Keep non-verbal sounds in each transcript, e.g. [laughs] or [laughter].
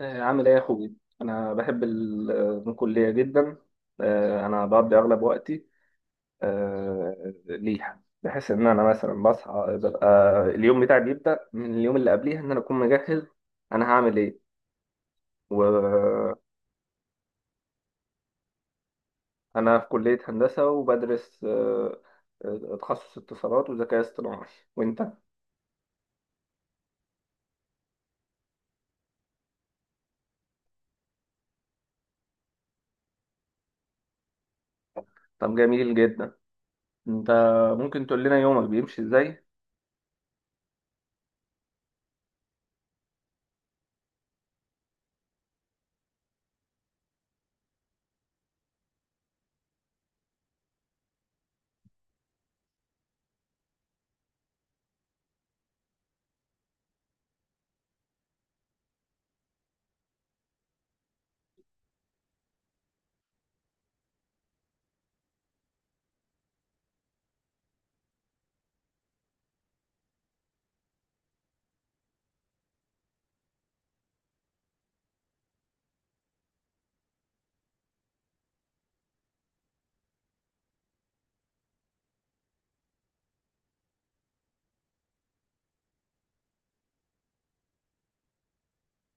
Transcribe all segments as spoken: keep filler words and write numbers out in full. آه، عامل ايه يا اخوي؟ انا بحب ال- الكليه جدا. آه، انا بقضي اغلب وقتي آه، ليها، بحس ان انا مثلا بصحى ببقى اليوم بتاعي بيبدا من اليوم اللي قبليها، ان انا اكون مجهز انا هعمل ايه. وانا في كليه هندسه وبدرس آه، آه، تخصص اتصالات وذكاء اصطناعي. وانت؟ طب جميل جدا. انت ممكن تقول لنا يومك بيمشي ازاي؟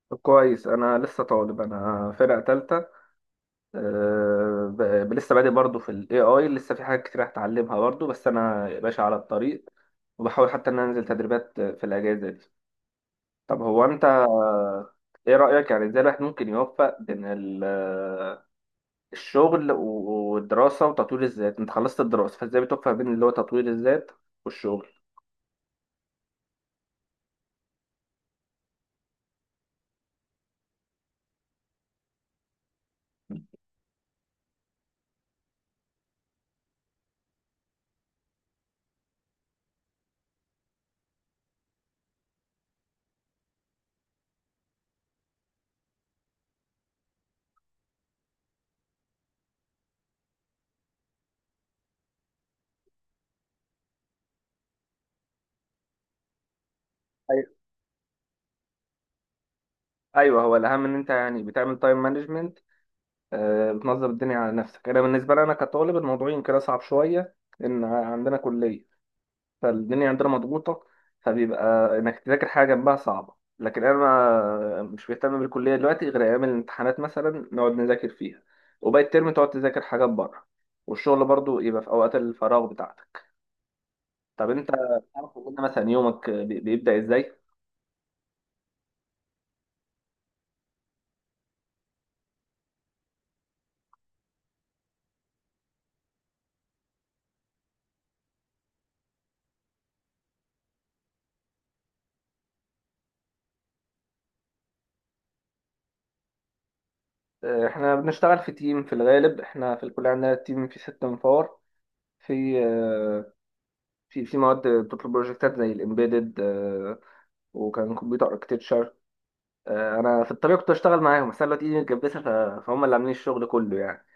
طب كويس، انا لسه طالب، انا فرقه تالتة. أه ب- لسه بادئ برضه في ال إيه آي، لسه في حاجات كتير هتعلمها برضه، بس أنا يا باشا على الطريق. وبحاول حتى إن أنا أنزل تدريبات في الأجازة دي. طب هو أنت آه، إيه رأيك، يعني إزاي الواحد ممكن يوفق بين ال- آه، الشغل و- والدراسة وتطوير الذات؟ أنت خلصت الدراسة، فإزاي بتوفق بين اللي هو تطوير الذات والشغل؟ أيوه. أيوه، هو الأهم إن أنت يعني بتعمل تايم مانجمنت، بتنظم الدنيا على نفسك. أنا بالنسبة لي، أنا كطالب الموضوع يمكن أصعب شوية، إن عندنا كلية، فالدنيا عندنا مضغوطة، فبيبقى إنك تذاكر حاجة جنبها صعبة. لكن أنا مش مهتم بالكلية دلوقتي غير أيام الامتحانات، مثلا نقعد نذاكر فيها، وباقي الترم تقعد تذاكر حاجات بره، والشغل برضو يبقى في أوقات الفراغ بتاعتك. طب أنت تعرف، قلنا مثلا يومك بي- بيبدأ إزاي؟ آه، إحنا بنشتغل في تيم في الغالب، إحنا في الكلية عندنا تيم فيه ست منفور. في آه، في في مواد بتطلب بروجكتات زي الإمبيدد وكان كمبيوتر اركتكتشر. آه، انا في الطريق كنت اشتغل معاهم، بس انا دلوقتي ايدي متجبسه، ف- فهم اللي عاملين الشغل كله يعني.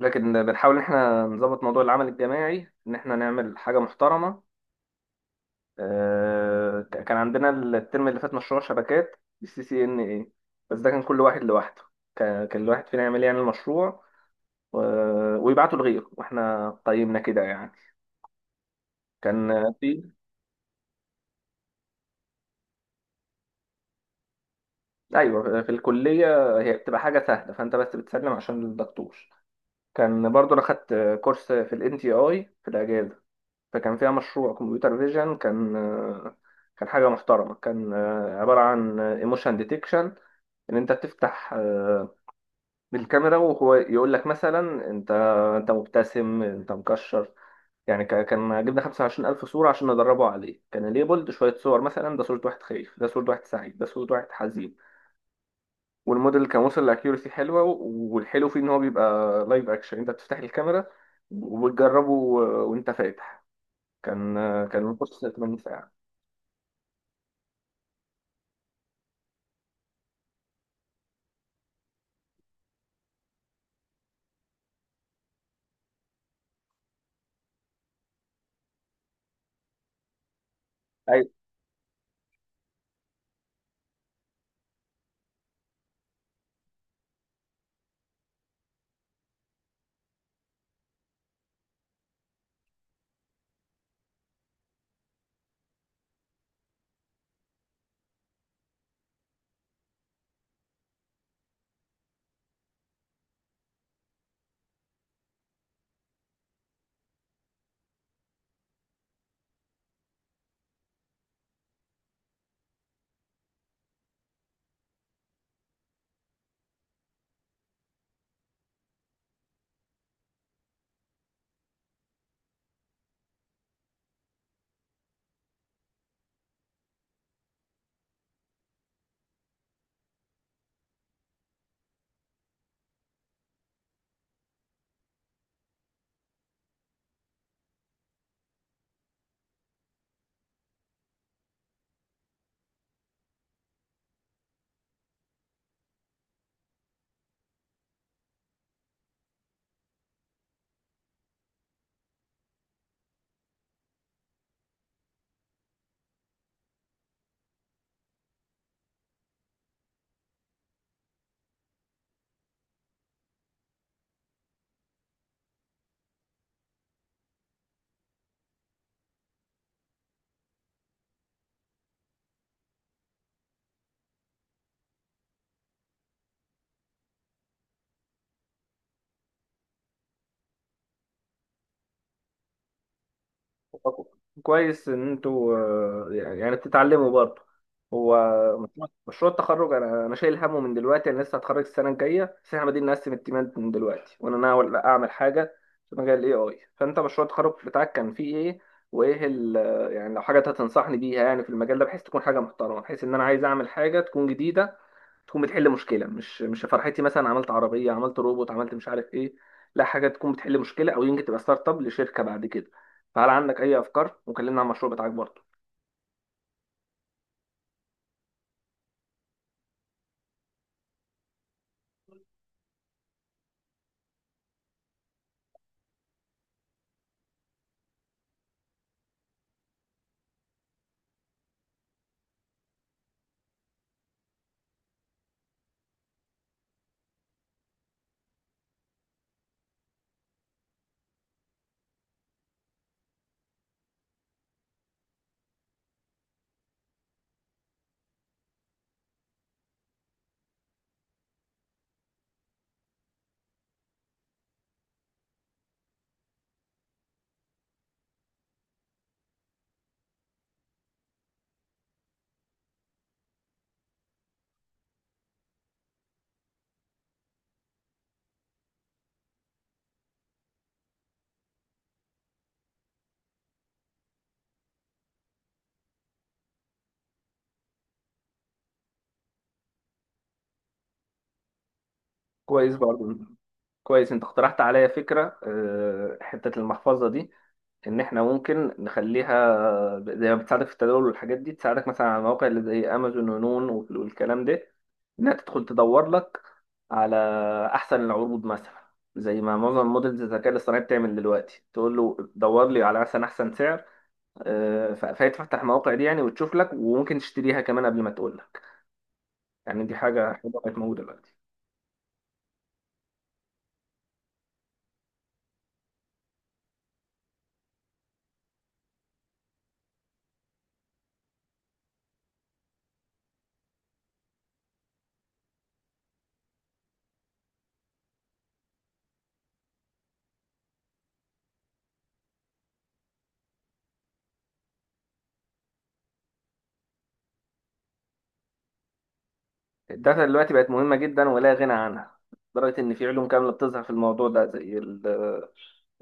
لكن بنحاول ان احنا نظبط موضوع العمل الجماعي، ان احنا نعمل حاجه محترمه. آه، ك- كان عندنا الترم اللي فات مشروع شبكات بالسي سي ان اي، بس ده كان كل واحد لوحده. كان كان الواحد فينا يعمل يعني المشروع و- ويبعته لغيره، واحنا قيمنا كده يعني. كان في [laughs] ايوه، في الكليه هي بتبقى حاجه سهله، فانت بس بتسلم عشان الدكتور. كان برضو انا خدت كورس في الان تي اي في الاجازه، فكان فيها مشروع كمبيوتر فيجن. كان آه، كان حاجة محترمة، كان آه، عبارة عن ايموشن ديتكشن، ان انت تفتح آه، بالكاميرا، وهو يقول لك مثلا انت انت مبتسم، انت مكشر. يعني ك- كان جبنا خمسة وعشرين ألف صورة عشان ندربه عليه، كان ليبلد شوية صور، مثلا ده صورة واحد خايف، ده صورة واحد سعيد، ده صورة واحد حزين. والموديل كان وصل لاكيورسي حلوة، والحلو فيه ان هو بيبقى لايف اكشن، انت بتفتح الكاميرا وبتجربه آه، وانت فاتح. كان آه، كان الكورس 8 ساعات. ايوه، كويس ان انتوا آه، يعني بتتعلموا برضه. هو مشروع مشروع التخرج، انا انا شايل همه من دلوقتي، انا لسه هتخرج السنه الجايه، بس احنا بادئين نقسم التيمات من دلوقتي، وانا ناوي اعمل حاجه في مجال الاي اي. فانت مشروع التخرج بتاعك كان فيه ايه، وايه ال يعني لو حاجه هتنصحني بيها يعني في المجال ده، بحيث تكون حاجه محترمه، بحيث ان انا عايز اعمل حاجه تكون جديده، تكون بتحل مشكله، مش مش فرحتي مثلا عملت عربيه، عملت روبوت، عملت مش عارف ايه. لا، حاجه تكون بتحل مشكله، او يمكن تبقى ستارت اب لشركه بعد كده. فهل عندك اي افكار؟ وكلمنا عن المشروع بتاعك برضه. كويس برضه. كويس، انت اقترحت عليا فكره آه، حته المحفظه دي، ان احنا ممكن نخليها آه، زي ما بتساعدك في التداول والحاجات دي، تساعدك مثلا على المواقع اللي زي امازون ونون وال- والكلام ده، انها تدخل تدور لك على احسن العروض مثلا. زي ما معظم موديلز الذكاء الاصطناعي بتعمل دلوقتي، تقول له دور لي على مثلا احسن سعر. آه، ف- فهي تفتح المواقع دي يعني، وتشوف لك، وممكن تشتريها كمان قبل ما تقول لك. يعني دي حاجه حلوه بقت موجوده دلوقتي. الداتا دلوقتي بقت مهمة جدا، ولا غنى عنها، لدرجة إن في علوم كاملة بتظهر في الموضوع ده، زي ال-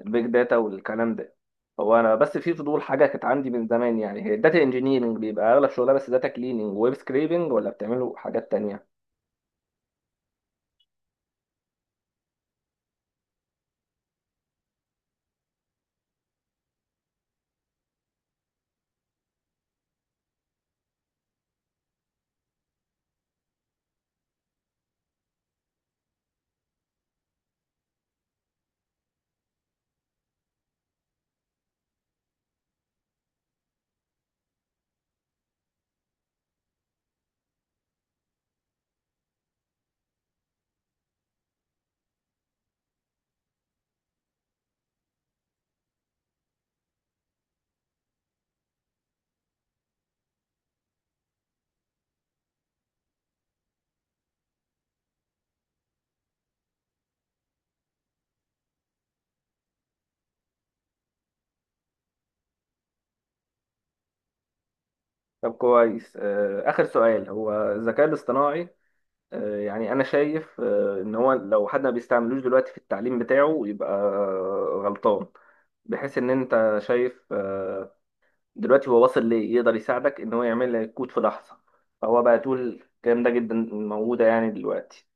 البيج داتا والكلام ده. هو أنا بس في فضول حاجة كانت عندي من زمان، يعني هي الداتا انجينيرنج بيبقى أغلب شغلها بس داتا كليننج وويب سكريبنج، ولا بتعملوا حاجات تانية؟ طب كويس، آه، آخر سؤال، هو الذكاء الاصطناعي آه، يعني أنا شايف آه، إن هو لو حد ما بيستعملوش دلوقتي في التعليم بتاعه يبقى آه، غلطان، بحيث إن أنت شايف آه، دلوقتي هو وصل ليه يقدر يساعدك ان هو يعمل لك كود في لحظه. فهو بقى تقول الكلام ده جدا موجوده يعني دلوقتي.